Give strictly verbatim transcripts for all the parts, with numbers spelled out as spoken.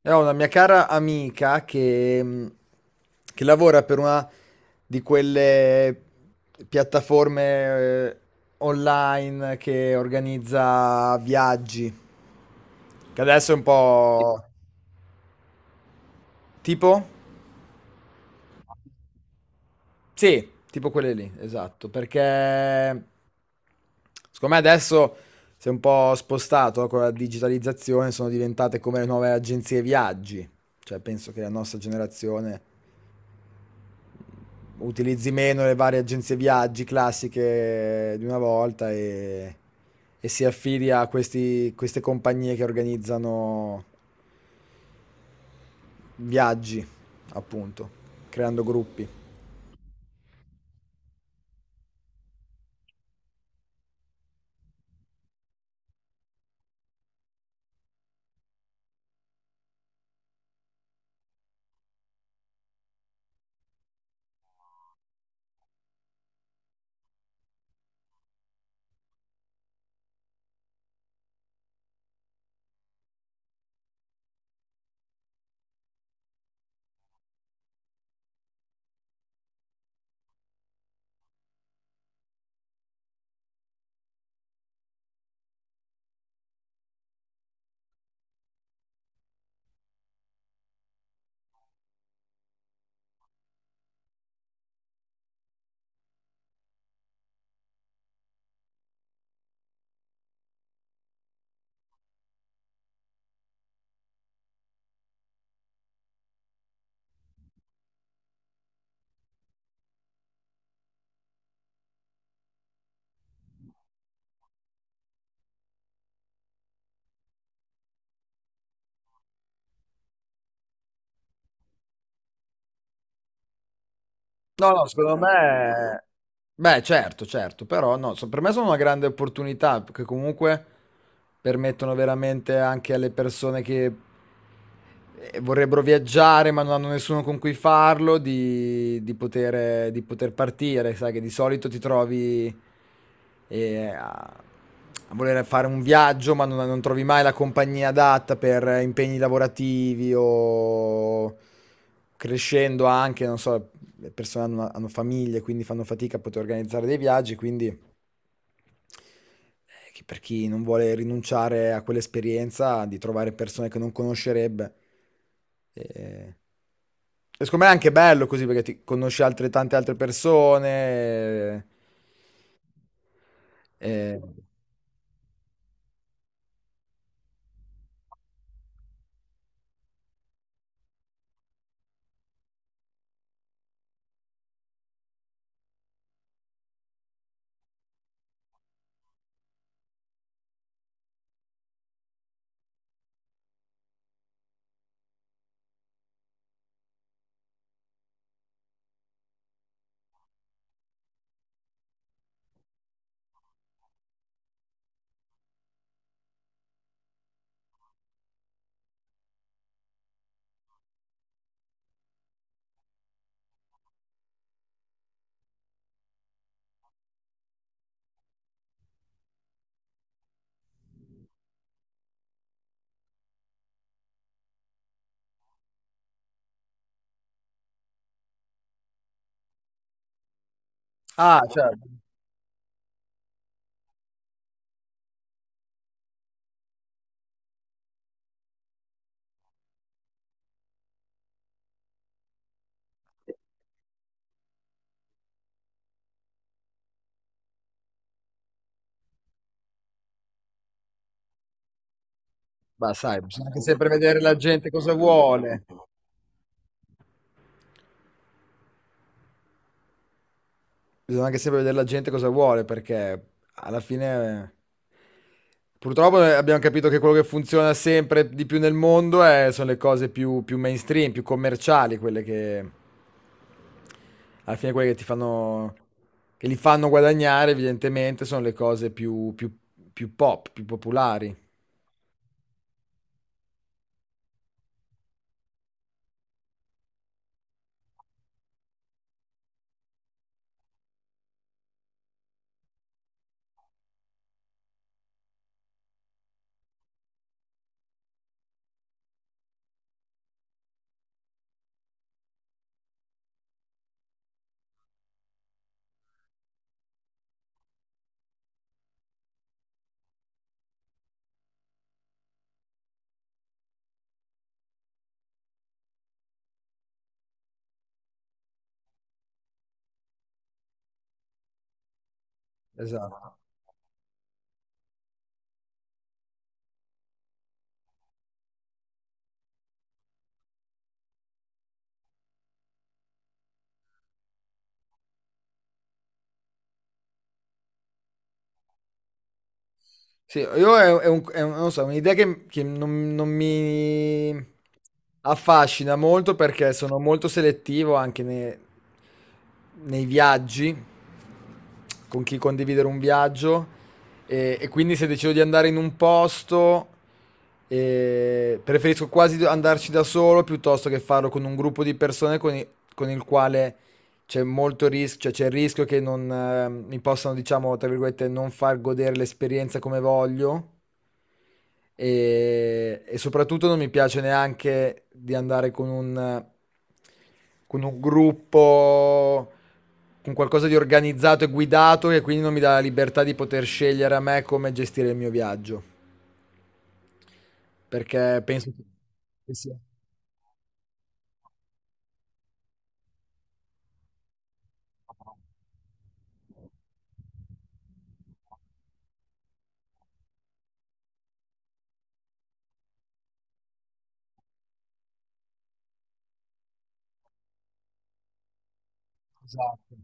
È una mia cara amica che, mh, che lavora per una di quelle piattaforme eh, online che organizza viaggi, che adesso è un tipo, po' tipo? Sì, tipo quelle lì, esatto, perché secondo me adesso si è un po' spostato, no, con la digitalizzazione. Sono diventate come le nuove agenzie viaggi, cioè penso che la nostra generazione utilizzi meno le varie agenzie viaggi classiche di una volta e, e si affidi a questi- queste compagnie che organizzano viaggi, appunto, creando gruppi. No, no, secondo me... Beh, certo, certo, però no, so- per me sono una grande opportunità, perché comunque permettono veramente anche alle persone che eh, vorrebbero viaggiare ma non hanno nessuno con cui farlo, di, di poter, di poter partire. Sai che di solito ti trovi eh, a, a voler fare un viaggio ma non, non trovi mai la compagnia adatta per impegni lavorativi o crescendo anche, non so, le persone hanno, hanno famiglie, quindi fanno fatica a poter organizzare dei viaggi, quindi eh, che per chi non vuole rinunciare a quell'esperienza di trovare persone che non conoscerebbe. E, e secondo me è anche bello così, perché ti conosci altre, tante altre persone. eh, eh, Ah, certo. Beh, sai, bisogna anche sempre vedere la gente cosa vuole. Bisogna anche sempre vedere la gente cosa vuole, perché alla fine, eh, purtroppo, eh, abbiamo capito che quello che funziona sempre di più nel mondo è- sono le cose più, più mainstream, più commerciali, quelle che alla fine quelle che ti fanno, che li fanno guadagnare, evidentemente, sono le cose più, più più pop, più popolari. Esatto. Sì, io è, è un- è un- non lo so, un'idea che, che non, non mi affascina molto, perché sono molto selettivo anche ne- nei viaggi, con chi condividere un viaggio, e, e quindi se decido di andare in un posto, eh, preferisco quasi andarci da solo piuttosto che farlo con un gruppo di persone con, i- con il quale c'è molto rischio, cioè c'è il rischio che non, eh, mi possano, diciamo, tra virgolette, non far godere l'esperienza come voglio. E, e soprattutto non mi piace neanche di andare con un, con un gruppo, con qualcosa di organizzato e guidato, che quindi non mi dà la libertà di poter scegliere a me come gestire il mio viaggio, perché penso che che sia esatto,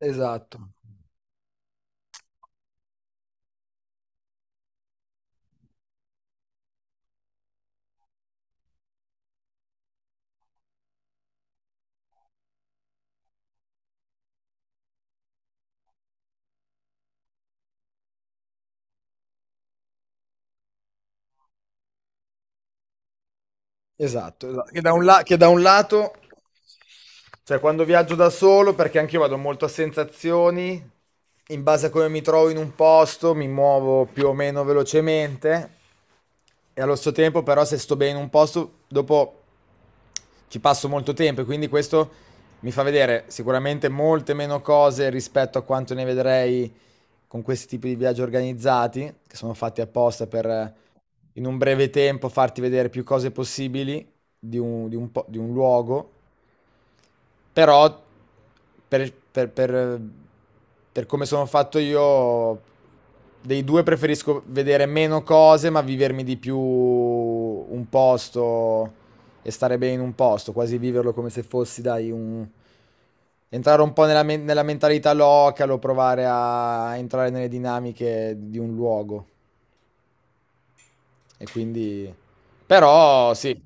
esatto, esatto, esatto. Che da un la- che da un lato... Cioè, quando viaggio da solo, perché anche io vado molto a sensazioni, in base a come mi trovo in un posto, mi muovo più o meno velocemente, e allo stesso tempo, però, se sto bene in un posto, dopo ci passo molto tempo, e quindi questo mi fa vedere sicuramente molte meno cose rispetto a quanto ne vedrei con questi tipi di viaggi organizzati, che sono fatti apposta per eh, in un breve tempo farti vedere più cose possibili di un, di un po- di un luogo. Però per, per- per- per come sono fatto io, dei due preferisco vedere meno cose, ma vivermi di più un posto e stare bene in un posto, quasi viverlo come se fossi, dai, un... entrare un po' nella, men- nella mentalità localo, provare a entrare nelle dinamiche di un luogo. E quindi... Però sì,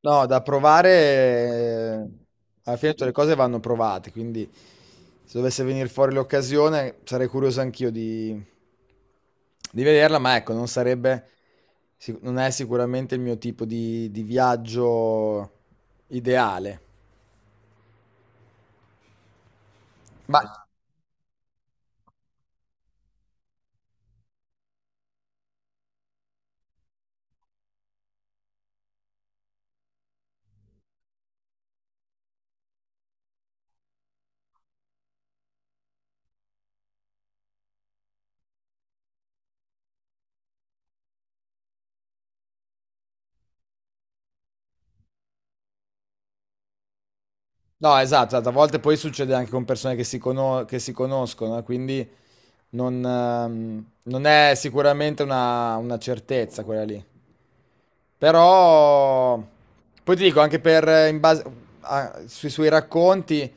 no, da provare, eh, alla fine tutte le cose vanno provate, quindi se dovesse venire fuori l'occasione sarei curioso anch'io di, di vederla, ma ecco, non sarebbe, sic- non è sicuramente il mio tipo di, di viaggio ideale. Ma no, esatto, esatto, a volte poi succede anche con persone che si, cono- che si conoscono, eh, quindi non, ehm, non è sicuramente una una certezza quella lì. Però poi ti dico anche per, eh, in base a- sui suoi racconti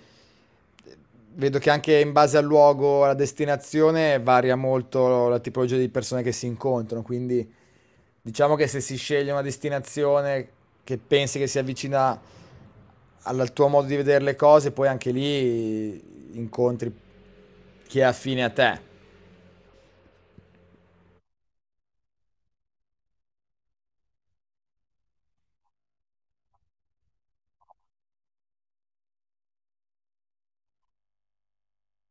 vedo che anche in base al luogo, alla destinazione varia molto la tipologia di persone che si incontrano, quindi diciamo che se si sceglie una destinazione che pensi che si avvicina al tuo modo di vedere le cose, poi anche lì incontri chi è affine a te.